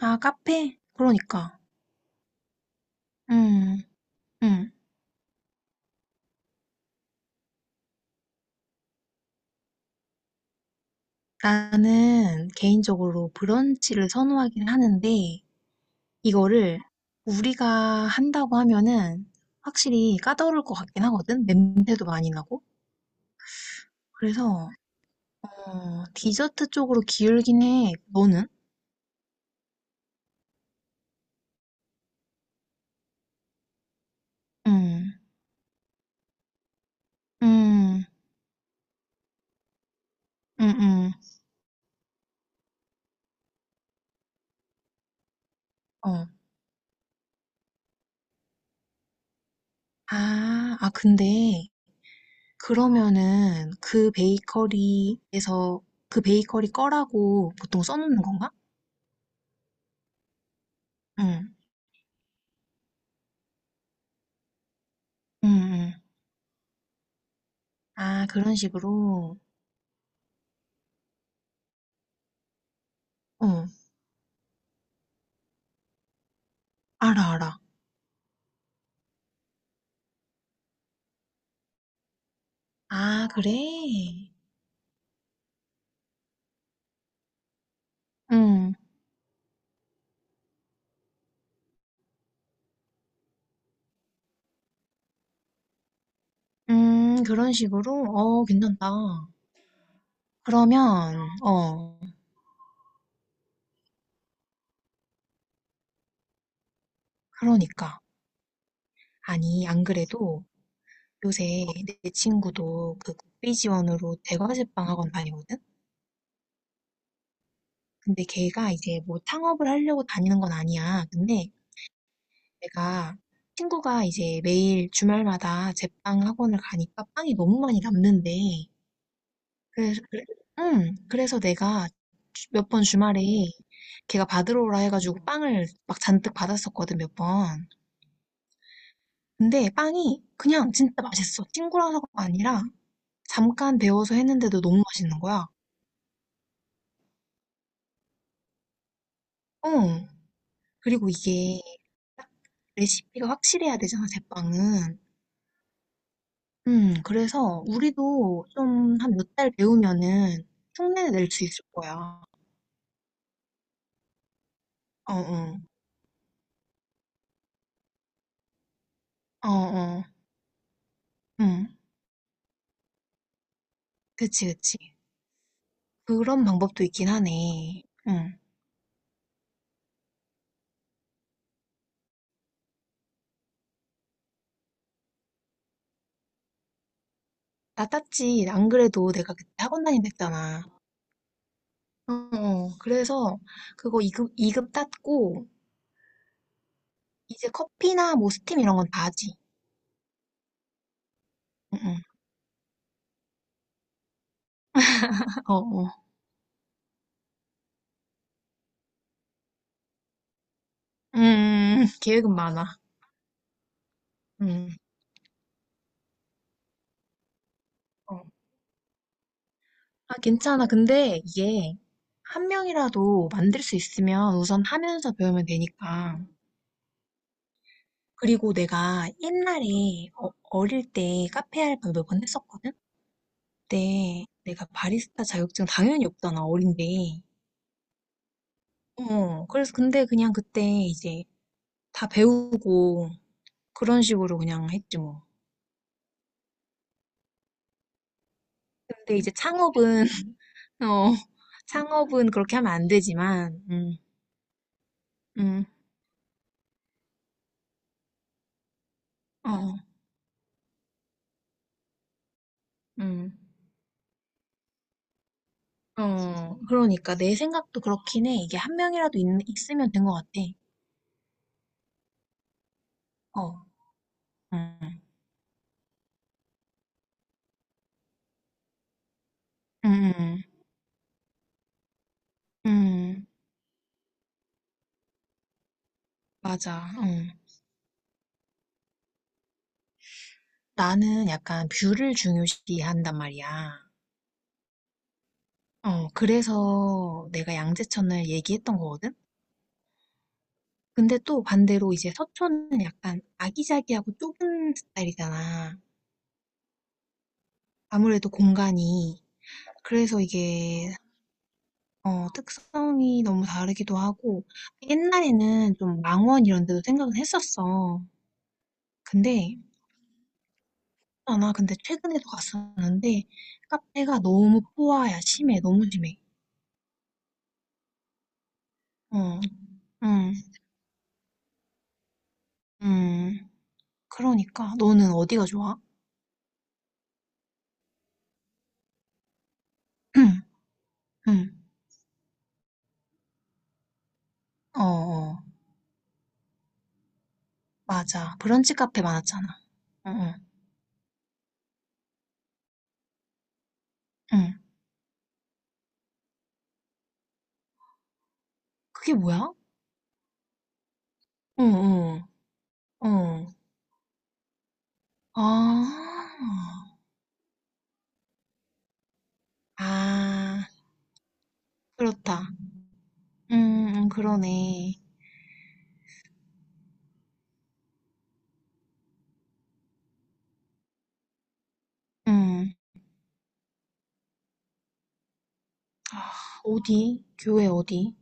아, 카페? 그러니까. 음, 음. 나는 개인적으로 브런치를 선호하긴 하는데, 이거를 우리가 한다고 하면은 확실히 까다로울 것 같긴 하거든? 냄새도 많이 나고. 그래서, 디저트 쪽으로 기울긴 해. 너는? 음, 음, 음, 어. 근데 그러면은 그 베이커리에서 그 베이커리 거라고 보통 써놓는 건가? 응. 응, 응. 아 그런 식으로. 어. 알아, 알아. 아 그래? 응. 그런 식으로? 어 괜찮다. 그러면, 어, 그러니까. 아니, 안 그래도 요새 내 친구도 그 국비 지원으로 대과제빵 학원 다니거든? 근데 걔가 이제 뭐 창업을 하려고 다니는 건 아니야. 근데 내가 친구가 이제 매일 주말마다 제빵 학원을 가니까 빵이 너무 많이 남는데 그래서, 그래, 응, 그래서 내가 몇 번 주말에 걔가 받으러 오라 해가지고 빵을 막 잔뜩 받았었거든, 몇 번. 근데 빵이 그냥 진짜 맛있어. 친구라서가 아니라 잠깐 데워서 했는데도 너무 맛있는 거야. 어. 그리고 이게 딱 레시피가 확실해야 되잖아, 제빵은. 그래서 우리도 좀 한 몇 달 배우면은 흉내낼 수 있을 거야. 어, 어, 어, 어, 응, 그치, 그치. 그런 방법도 있긴 하네. 응. 나 땄지. 안 그래도 내가 그때 학원 다닌다 했잖아. 어, 어. 그래서 그거 2급, 이급 땄고, 이제 커피나 뭐 스팀 이런 건 다 하지. 응, 응. 어, 어. 음, 계획은 많아. 음, 어. 아, 괜찮아. 근데 이게 한 명이라도 만들 수 있으면 우선 하면서 배우면 되니까. 그리고 내가 옛날에 어릴 때 카페 알바 몇 번 했었거든? 그때 내가 바리스타 자격증 당연히 없잖아, 어린데. 어, 그래서 근데 그냥 그때 이제 다 배우고 그런 식으로 그냥 했지 뭐. 근데 이제 창업은, 어, 창업은 그렇게 하면 안 되지만, 음, 어, 음, 어, 그러니까 내 생각도 그렇긴 해. 이게 한 명이라도 있으면 된 것 같아. 어, 음, 음, 음, 음. 맞아, 나는 약간 뷰를 중요시한단 말이야. 어, 그래서 내가 양재천을 얘기했던 거거든? 근데 또 반대로 이제 서초는 약간 아기자기하고 좁은 스타일이잖아. 아무래도 공간이. 그래서 이게, 어, 특성이 너무 다르기도 하고, 옛날에는 좀 망원 이런 데도 생각은 했었어. 근데, 아, 나 근데 최근에도 갔었는데, 카페가 너무 포화야. 심해. 너무 심해. 어, 음, 음. 그러니까, 너는 어디가 좋아? 응, 어, 어. 맞아. 브런치 카페 많았잖아. 응, 응, 응. 그게 뭐야? 응, 응, 응. 아, 아, 그렇다. 응, 응, 그러네. 응. 아, 어디? 교회 어디?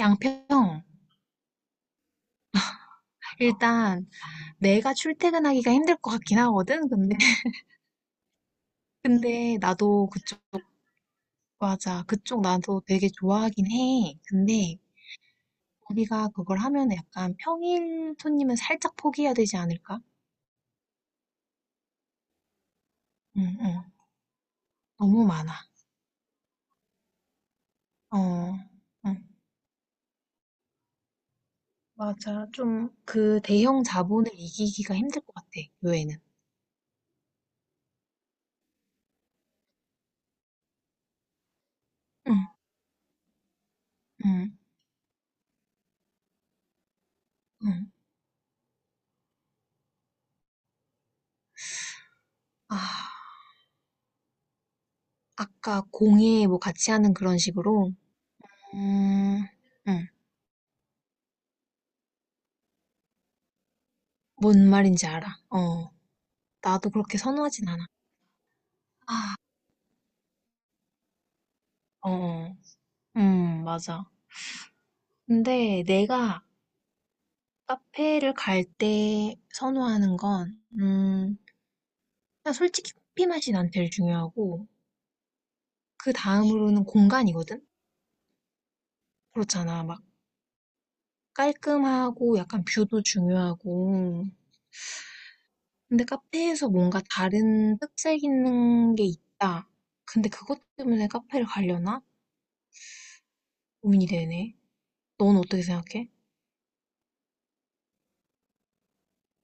양평. 일단 내가 출퇴근하기가 힘들 것 같긴 하거든. 근데 근데 나도 그쪽 맞아. 그쪽 나도 되게 좋아하긴 해. 근데 우리가 그걸 하면 약간 평일 손님은 살짝 포기해야 되지 않을까? 응, 응. 너무 많아. 어, 응, 맞아. 좀 그 대형 자본을 이기기가 힘들 것 같아, 요회는 응, 응, 응. 아, 아까 공예 뭐 같이 하는 그런 식으로. 음, 응, 뭔 말인지 알아. 어, 나도 그렇게 선호하진 않아. 아, 어, 어. 맞아. 근데 내가 카페를 갈 때 선호하는 건, 음, 그냥 솔직히 커피 맛이 난 제일 중요하고, 그 다음으로는 공간이거든? 그렇잖아. 막 깔끔하고 약간 뷰도 중요하고. 근데 카페에서 뭔가 다른 특색 있는 게 있다. 근데 그것 때문에 카페를 가려나? 고민이 되네. 넌 어떻게 생각해?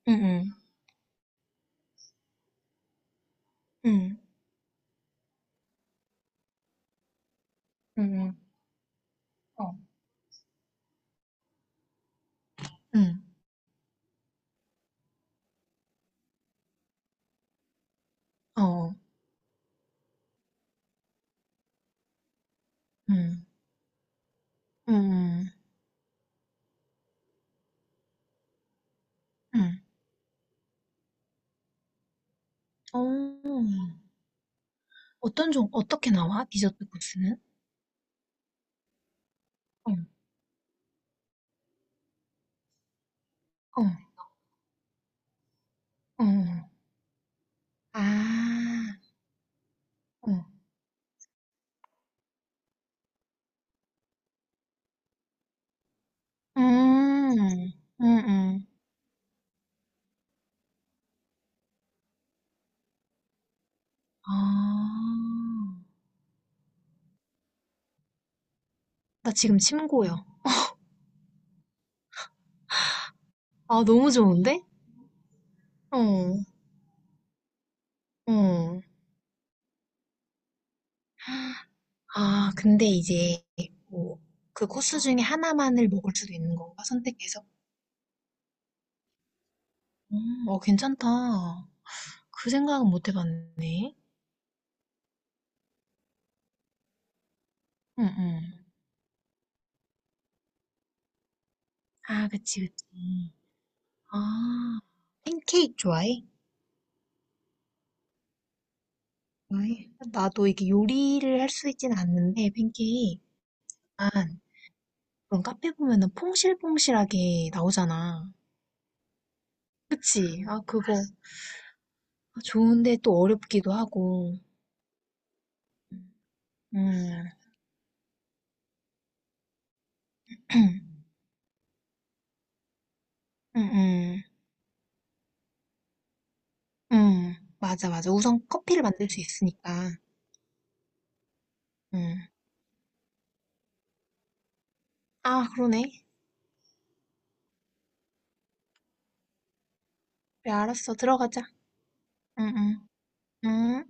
응, 응, 응, 응, 응, 어, 응, 어, 응, 응, 응, 응. 어, 어떻게 나와? 디저트 코스는? 어, 어, 어. 아, 어. 음, 음, 음. 아, 나 지금 침 고여. 아, 너무 좋은데? 어, 어. 아, 근데 이제 뭐 그 코스 중에 하나만을 먹을 수도 있는 건가? 선택해서. 어, 괜찮다. 그 생각은 못 해봤네. 응, 응. 아, 그치, 그치. 아, 팬케이크 좋아해? 좋아해. 나도 이게 요리를 할 수 있진 않는데, 팬케이크. 아, 그런 카페 보면은 퐁실퐁실하게 나오잖아. 그치? 아, 그거. 좋은데 또 어렵기도 하고. 음. 응, 응, 응. 응. 맞아, 맞아. 우선 커피를 만들 수 있으니까. 응. 아, 그러네. 그래, 알았어. 들어가자. 응, 응. 응.